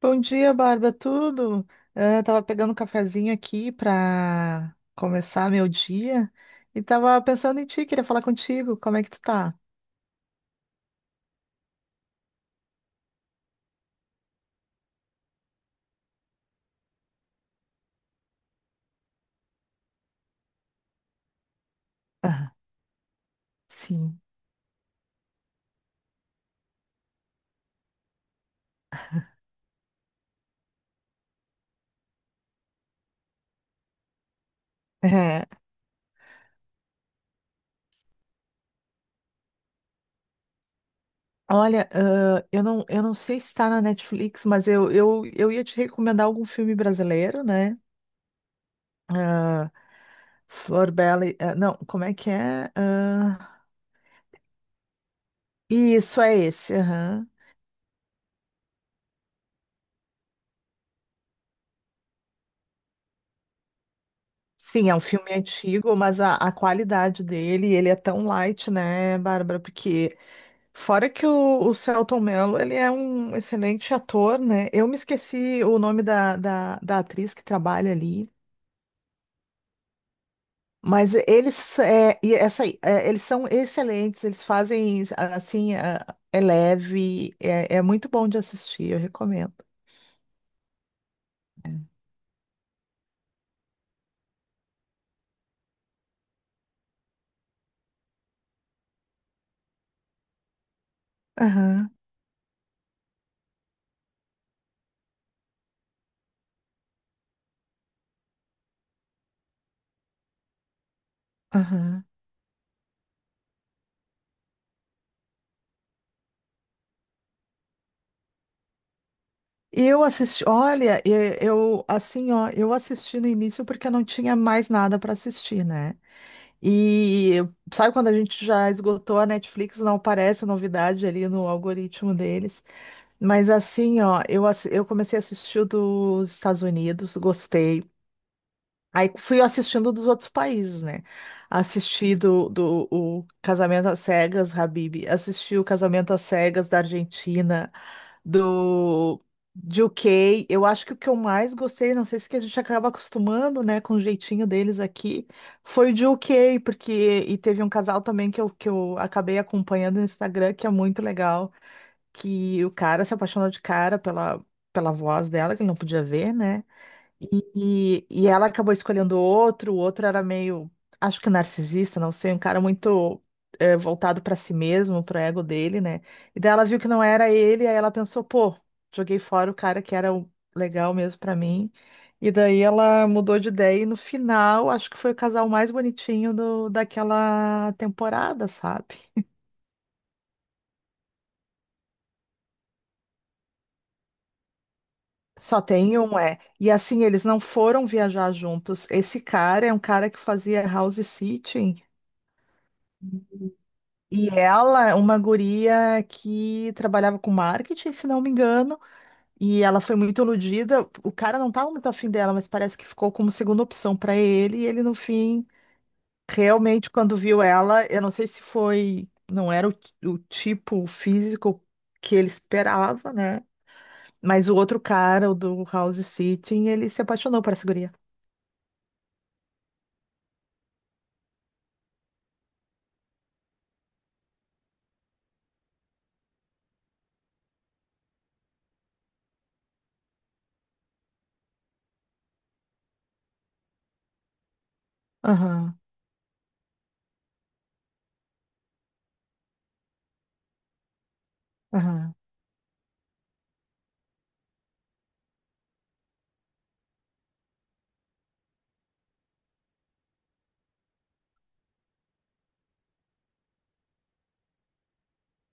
Bom dia, Bárbara. Tudo? Ah, tava pegando um cafezinho aqui para começar meu dia e tava pensando em ti, queria falar contigo. Como é que tu tá? Ah, sim. É. Olha, eu não sei se está na Netflix, mas eu ia te recomendar algum filme brasileiro, né? Ah, Flor Bela. Não, como é que é? Ah, isso, é esse. Aham. Sim, é um filme antigo, mas a qualidade dele, ele é tão light, né, Bárbara? Porque fora que o Selton Mello, ele é um excelente ator, né? Eu me esqueci o nome da atriz que trabalha ali. Mas eles, é, e essa, aí, é, eles são excelentes, eles fazem assim, é, é leve, é, é muito bom de assistir, eu recomendo. Aham, aham. Eu assisti, olha, eu assim, ó, eu assisti no início porque eu não tinha mais nada para assistir, né? E sabe quando a gente já esgotou a Netflix, não aparece novidade ali no algoritmo deles. Mas assim, ó, eu, eu comecei a assistir o dos Estados Unidos, gostei. Aí fui assistindo dos outros países, né? Assisti do o Casamento às Cegas, Habib. Assisti o Casamento às Cegas da Argentina, do de UK. Eu acho que o que eu mais gostei, não sei se que a gente acaba acostumando, né, com o jeitinho deles aqui, foi o de UK, porque e teve um casal também que eu acabei acompanhando no Instagram, que é muito legal, que o cara se apaixonou de cara pela voz dela, que ele não podia ver, né? E ela acabou escolhendo outro, o outro era meio, acho que narcisista, não sei, um cara muito voltado para si mesmo, pro ego dele, né? E daí ela viu que não era ele, aí ela pensou, pô, joguei fora o cara que era o legal mesmo para mim. E daí ela mudou de ideia e no final, acho que foi o casal mais bonitinho do, daquela temporada, sabe? Só tem um, é. E assim, eles não foram viajar juntos. Esse cara é um cara que fazia house sitting. E ela, é uma guria que trabalhava com marketing, se não me engano, e ela foi muito iludida. O cara não estava muito afim dela, mas parece que ficou como segunda opção para ele. E ele, no fim, realmente, quando viu ela, eu não sei se foi, não era o tipo físico que ele esperava, né? Mas o outro cara, o do House Sitting, ele se apaixonou por essa guria. Aham, aham.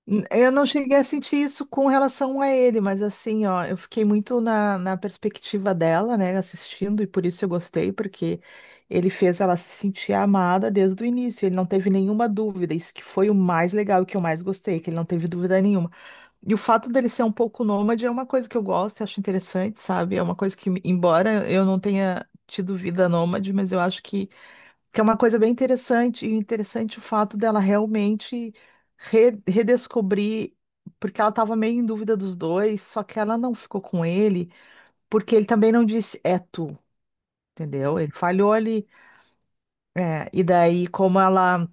N- Eu não cheguei a sentir isso com relação a ele, mas assim, ó, eu fiquei muito na perspectiva dela, né, assistindo, e por isso eu gostei, porque ele fez ela se sentir amada desde o início, ele não teve nenhuma dúvida, isso que foi o mais legal e que eu mais gostei, que ele não teve dúvida nenhuma. E o fato dele ser um pouco nômade é uma coisa que eu gosto, eu acho interessante, sabe? É uma coisa que, embora eu não tenha tido vida nômade, mas eu acho que é uma coisa bem interessante, e interessante o fato dela realmente redescobrir, porque ela estava meio em dúvida dos dois, só que ela não ficou com ele, porque ele também não disse é tu, entendeu? Ele falhou ali. É, e daí, como ela,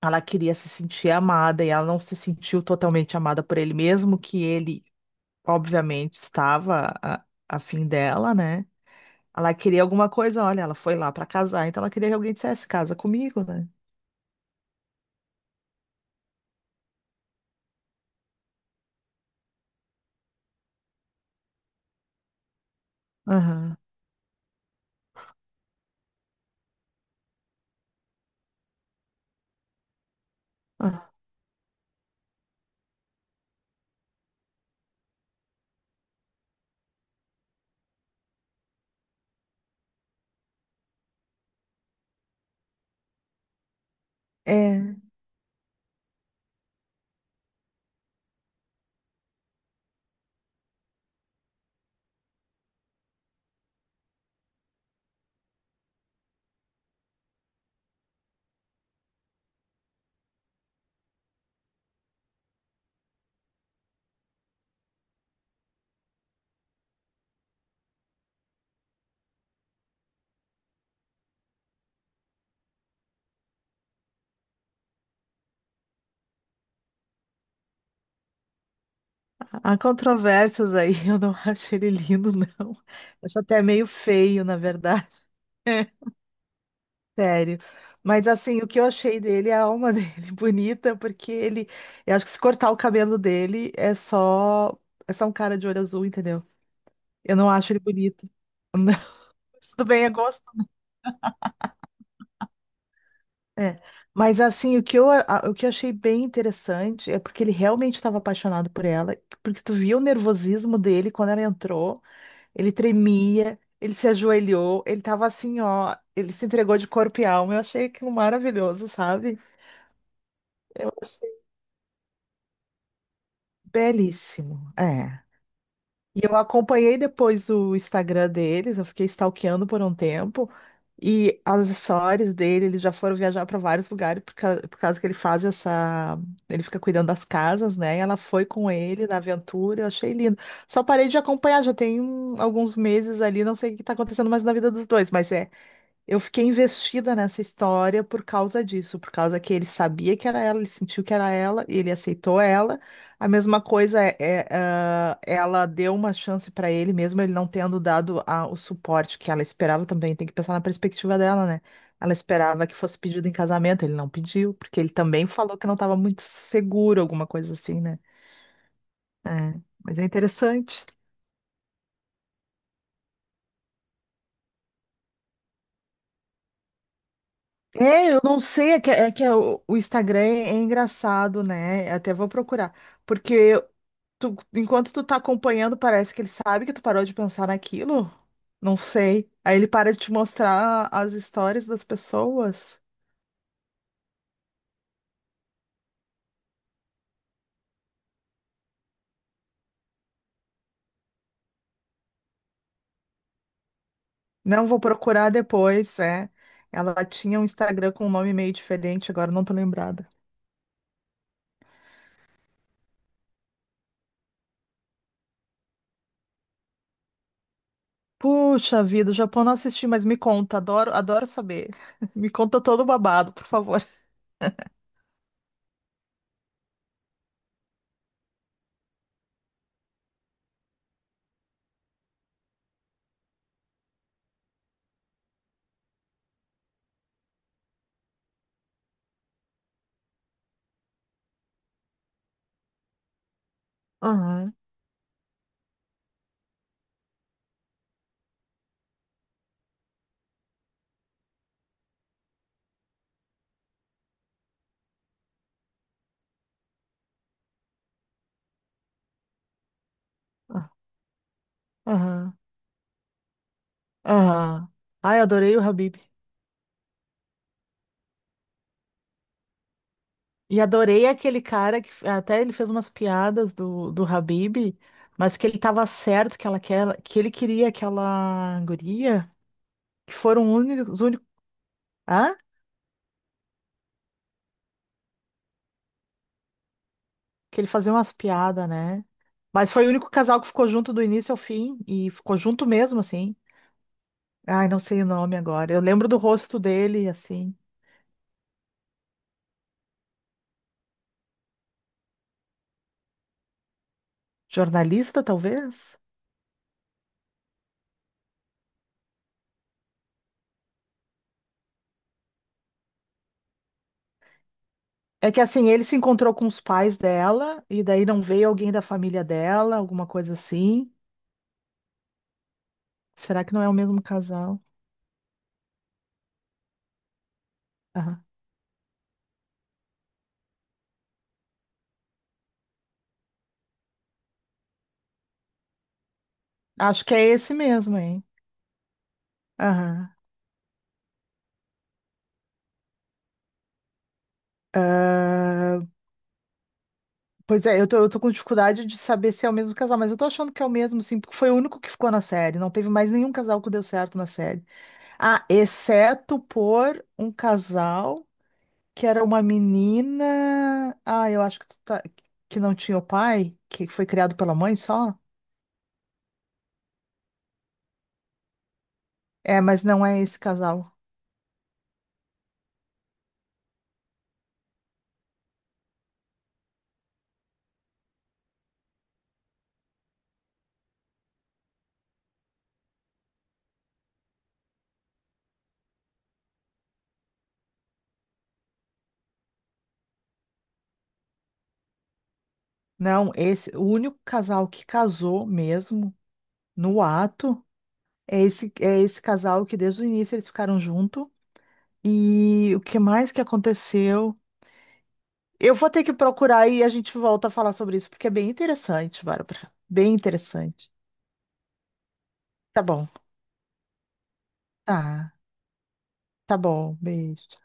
ela queria se sentir amada e ela não se sentiu totalmente amada por ele, mesmo que ele, obviamente, estava a fim dela, né? Ela queria alguma coisa, olha, ela foi lá para casar, então ela queria que alguém dissesse casa comigo, né? Aham. É, há controvérsias aí, eu não acho ele lindo, não. Acho até meio feio, na verdade. É, sério. Mas assim, o que eu achei dele é a alma dele bonita, porque ele. Eu acho que se cortar o cabelo dele é só. É só um cara de olho azul, entendeu? Eu não acho ele bonito. Mas tudo bem, é gosto. É. Mas assim, o que eu achei bem interessante é porque ele realmente estava apaixonado por ela, porque tu viu o nervosismo dele quando ela entrou. Ele tremia, ele se ajoelhou, ele tava assim, ó, ele se entregou de corpo e alma. Eu achei aquilo maravilhoso, sabe? Eu achei belíssimo. É. E eu acompanhei depois o Instagram deles, eu fiquei stalkeando por um tempo. E as histórias dele, eles já foram viajar para vários lugares por causa que ele faz essa. Ele fica cuidando das casas, né? E ela foi com ele na aventura, eu achei lindo. Só parei de acompanhar, já tem alguns meses ali, não sei o que tá acontecendo mais na vida dos dois, mas é. Eu fiquei investida nessa história por causa disso, por causa que ele sabia que era ela, ele sentiu que era ela, ele aceitou ela. A mesma coisa ela deu uma chance para ele, mesmo ele não tendo dado o suporte que ela esperava também. Tem que pensar na perspectiva dela, né? Ela esperava que fosse pedido em casamento, ele não pediu, porque ele também falou que não estava muito seguro, alguma coisa assim, né? É, mas é interessante. É, eu não sei, é que o Instagram é engraçado, né? Até vou procurar. Porque tu, enquanto tu tá acompanhando, parece que ele sabe que tu parou de pensar naquilo? Não sei. Aí ele para de te mostrar as histórias das pessoas. Não, vou procurar depois, é. Ela tinha um Instagram com um nome meio diferente, agora não tô lembrada. Puxa vida, o Japão não assisti, mas me conta, adoro, adoro saber. Me conta todo o babado, por favor. Aham. Ah, aham, aham. Ai, adorei o Habib. E adorei aquele cara que até ele fez umas piadas do Habib, mas que ele queria aquela guria, que foram únicos, únicos, hã? Que ele fazia umas piadas, né? Mas foi o único casal que ficou junto do início ao fim e ficou junto mesmo assim. Ai, não sei o nome agora. Eu lembro do rosto dele assim, jornalista talvez. É que assim, ele se encontrou com os pais dela e daí não veio alguém da família dela, alguma coisa assim. Será que não é o mesmo casal? Aham. Acho que é esse mesmo, hein? Aham. Ah, pois é, eu tô com dificuldade de saber se é o mesmo casal, mas eu tô achando que é o mesmo, sim, porque foi o único que ficou na série. Não teve mais nenhum casal que deu certo na série. Ah, exceto por um casal que era uma menina. Ah, eu acho que tu tá- Que não tinha o pai, que foi criado pela mãe só. É, mas não é esse casal. Não, esse, o único casal que casou mesmo no ato. É esse casal que desde o início eles ficaram junto. E o que mais que aconteceu? Eu vou ter que procurar e a gente volta a falar sobre isso, porque é bem interessante, Bárbara. Bem interessante. Tá bom. Tá. Tá bom. Beijo.